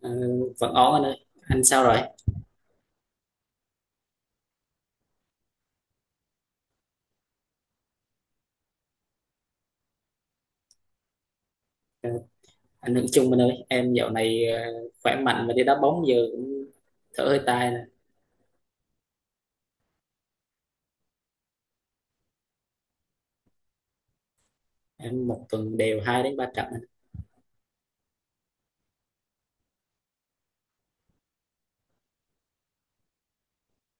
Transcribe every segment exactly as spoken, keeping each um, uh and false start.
Ờ, vẫn ổn anh ơi, anh sao rồi anh Hưởng Chung? Anh ơi, em dạo này ờ, khỏe mạnh mà đi đá bóng giờ cũng thở hơi tai nè. Em một tuần đều hai đến ba trận.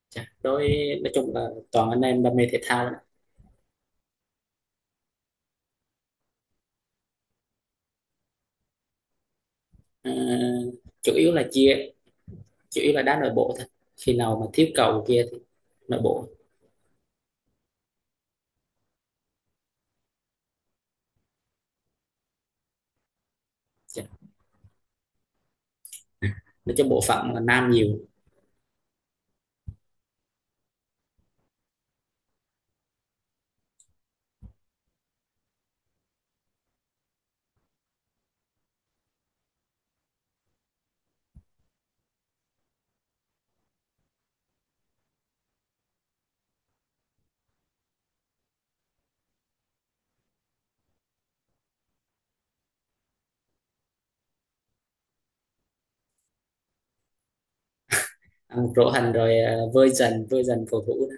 Chà, đối nói chung là toàn anh em đam mê thể thao nè. Ờ, chủ yếu là chia chủ yếu là đá nội bộ thôi, khi nào mà thiếu cầu kia thì nội bộ. Chà, nói chung bộ phận là nam nhiều. Ăn một rổ hành rồi, ờ, vơi dần vơi dần cầu thủ nè.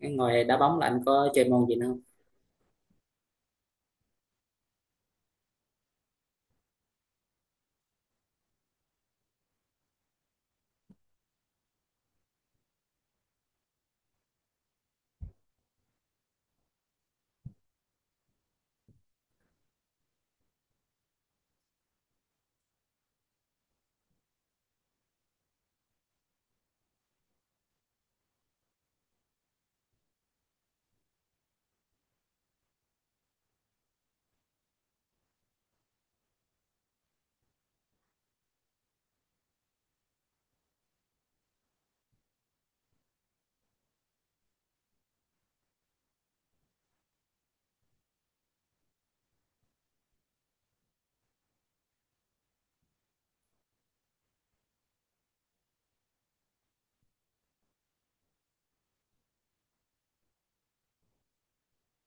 Cái ngoài đá bóng là anh có chơi môn gì nữa không?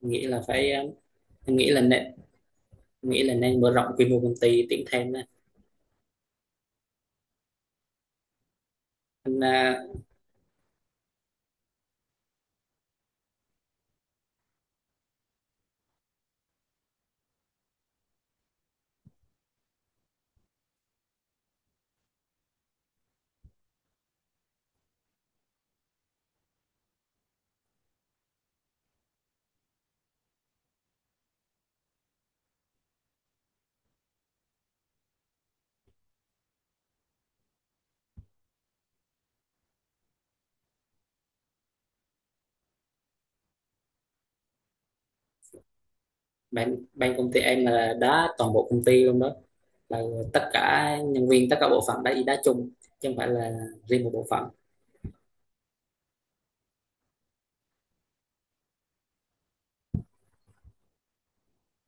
Nghĩ là phải ờ, em nghĩ là nên nghĩ là nên mở rộng quy mô công ty, tuyển thêm đó. Anh, à, bạn ban công ty em là đá toàn bộ công ty luôn đó, là tất cả nhân viên tất cả bộ phận đã đi đá chung, chứ không phải là riêng một bộ phận.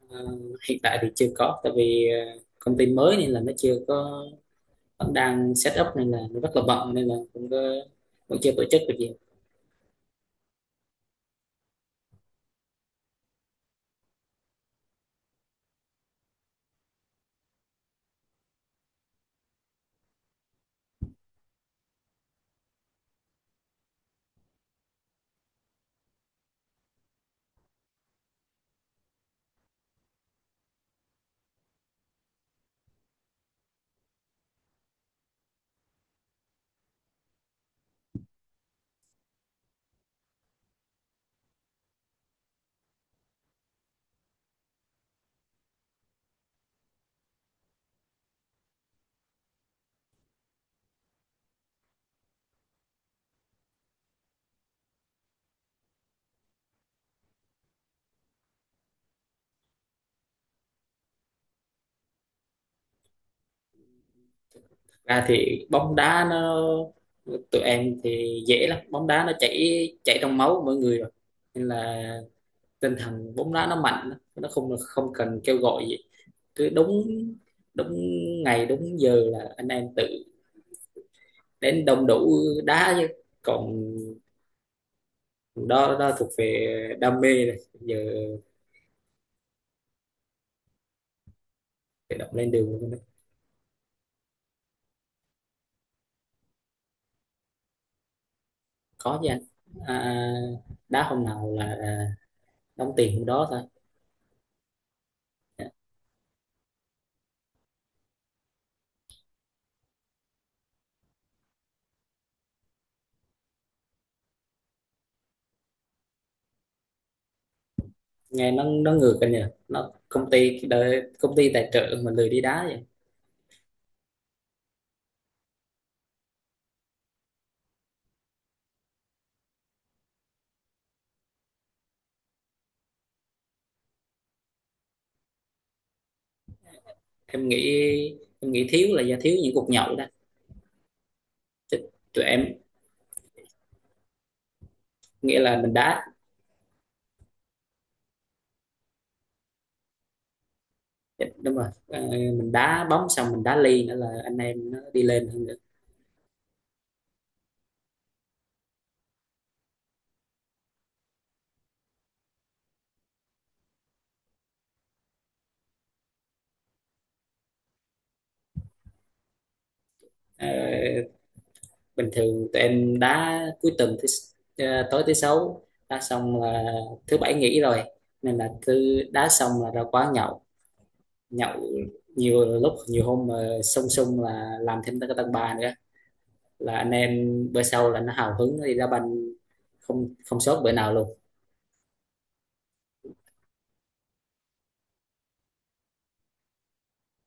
Ờ, Hiện tại thì chưa có, tại vì ờ, công ty mới nên là nó chưa có, vẫn đang set up nên là nó rất là bận, nên là cũng có, vẫn chưa tổ chức được gì. Thật ra thì bóng đá nó tụi em thì dễ lắm, bóng đá nó chảy chảy trong máu của mỗi người rồi, nên là tinh thần bóng đá nó mạnh, nó không không cần kêu gọi gì, cứ đúng đúng ngày đúng giờ là anh em tự đến đông đủ đá chứ. Còn đó đó thuộc về đam mê rồi, giờ tự động lên đường luôn. Có chứ anh, à, đá hôm nào là đóng tiền hôm đó thôi. Nghe nó nó ngược anh nhỉ, nó công ty đợi, công ty tài trợ mình lười đi đá vậy. Em nghĩ em nghĩ thiếu là do thiếu những cuộc nhậu đó, chứ tụi em nghĩa là mình đá. Dạ, đúng rồi. Ờ, mình đá bóng xong mình đá ly nữa là anh em nó đi lên hơn nữa. Ờ, Bình thường tụi em đá cuối tuần thứ ờ, tối thứ sáu, đá xong là thứ bảy nghỉ rồi, nên là cứ đá xong là ra quán nhậu. Nhậu nhiều lúc nhiều hôm mà sung sung là làm thêm cái tầng ba nữa, là anh em bữa sau là nó hào hứng nó đi đá banh, không không sót bữa nào luôn.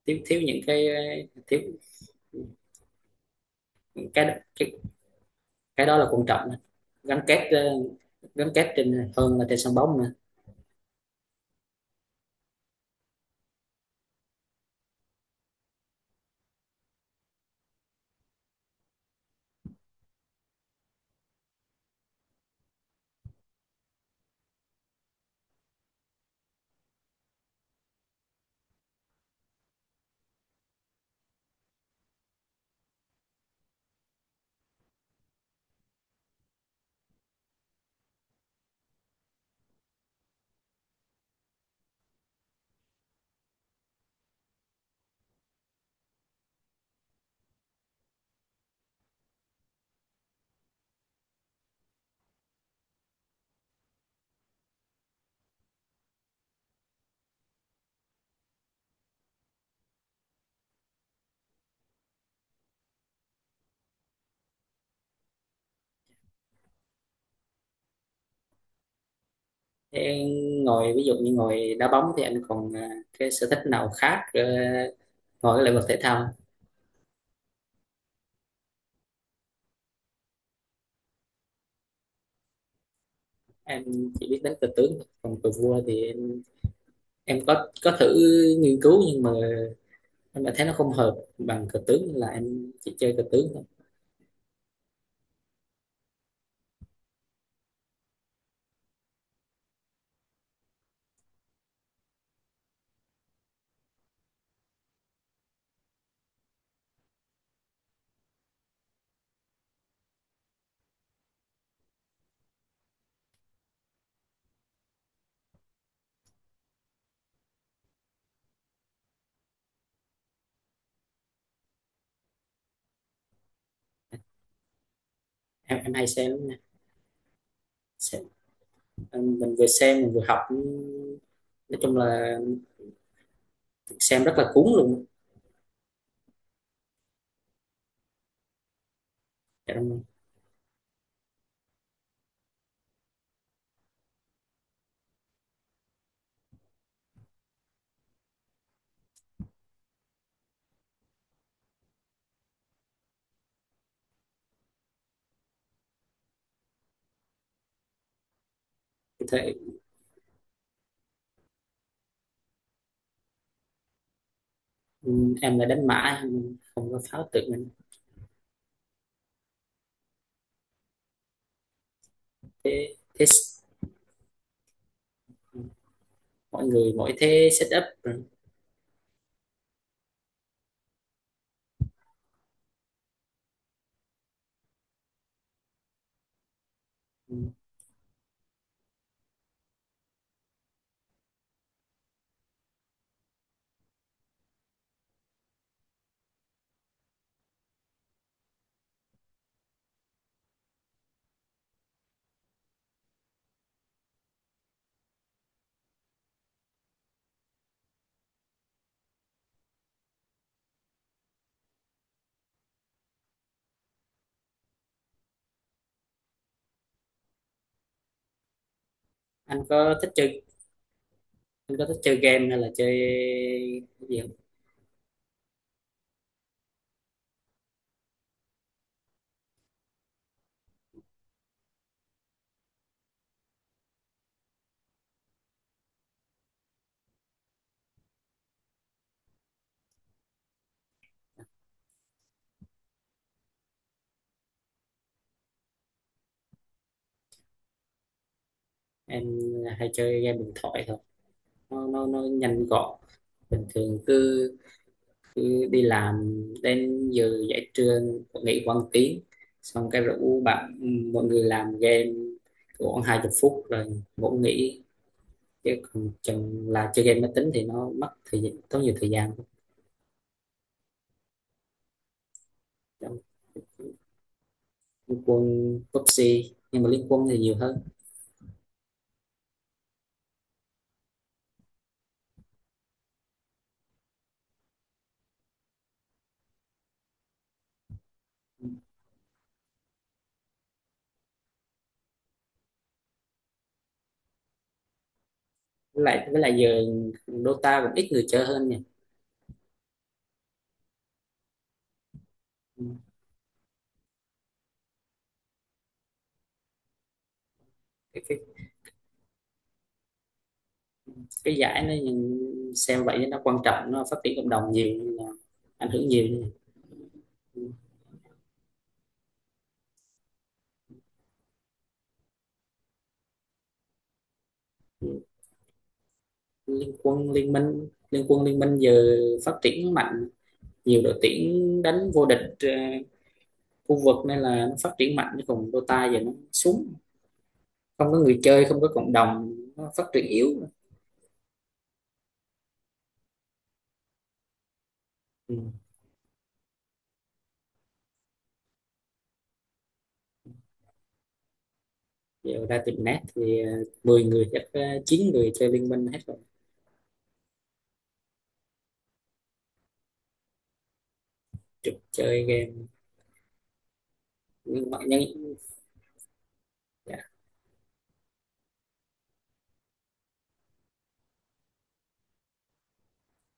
Thiếu thiếu những cái thiếu cái cái cái đó là quan trọng đó. Gắn kết ờ, gắn kết trên hơn là trên sân bóng nữa. Thế ngồi ví dụ như ngồi đá bóng thì anh còn ờ, cái sở thích nào khác ờ, ngồi cái lĩnh vực thể thao không? Em chỉ biết đánh cờ tướng thôi. Còn cờ vua thì em, em có có thử nghiên cứu nhưng mà em lại thấy nó không hợp bằng cờ tướng, nên là em chỉ chơi cờ tướng thôi. em em hay xem lắm nha. Xem em- mình vừa xem mình vừa học, nói chung là xem rất là cuốn luôn. Dạ đúng rồi. Ừ, em là đánh mã, em không có pháo tự mình. Thế thế s- Mọi người mỗi thế setup rồi. Ừ. Anh có thích chơi anh có thích chơi game hay là chơi cái gì không? Em hay chơi game điện thoại thôi, nó nó nó nhanh gọn. Bình thường cứ, cứ đi làm đến giờ giải trưa nghỉ quăng tiếng, xong cái rủ bạn ừ, mọi người làm game khoảng hai chục phút rồi ngủ nghỉ. Chứ còn chừng là chơi game máy tính thì nó mất thời gian, tốn nhiều thời gian. Liên quân, pi u bi gi, nhưng mà Liên quân thì nhiều hơn. Với lại với lại giờ Dota cũng ít người chơi hơn nha. cái cái, cái giải nó nhìn- xem vậy nó quan trọng, nó phát triển cộng đồng nhiều nên là ảnh hưởng nhiều nên Ừ. Liên quân Liên minh, Liên quân Liên minh giờ phát triển mạnh, nhiều đội tuyển đánh vô địch ờ, khu vực, nên là nó phát triển mạnh. Chứ còn Dota giờ nó xuống, không có người chơi, không có cộng đồng, nó phát triển yếu. Ừ. Giờ ra tìm nét thì ờ, mười người chắc ờ, chín người chơi Liên Minh hết rồi. Trực chơi game. Nhưng mà nhân dạ,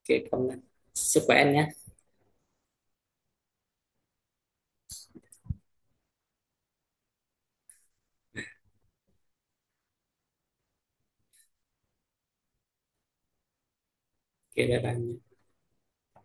kệ công, sức khỏe anh nhé. Kệ bye.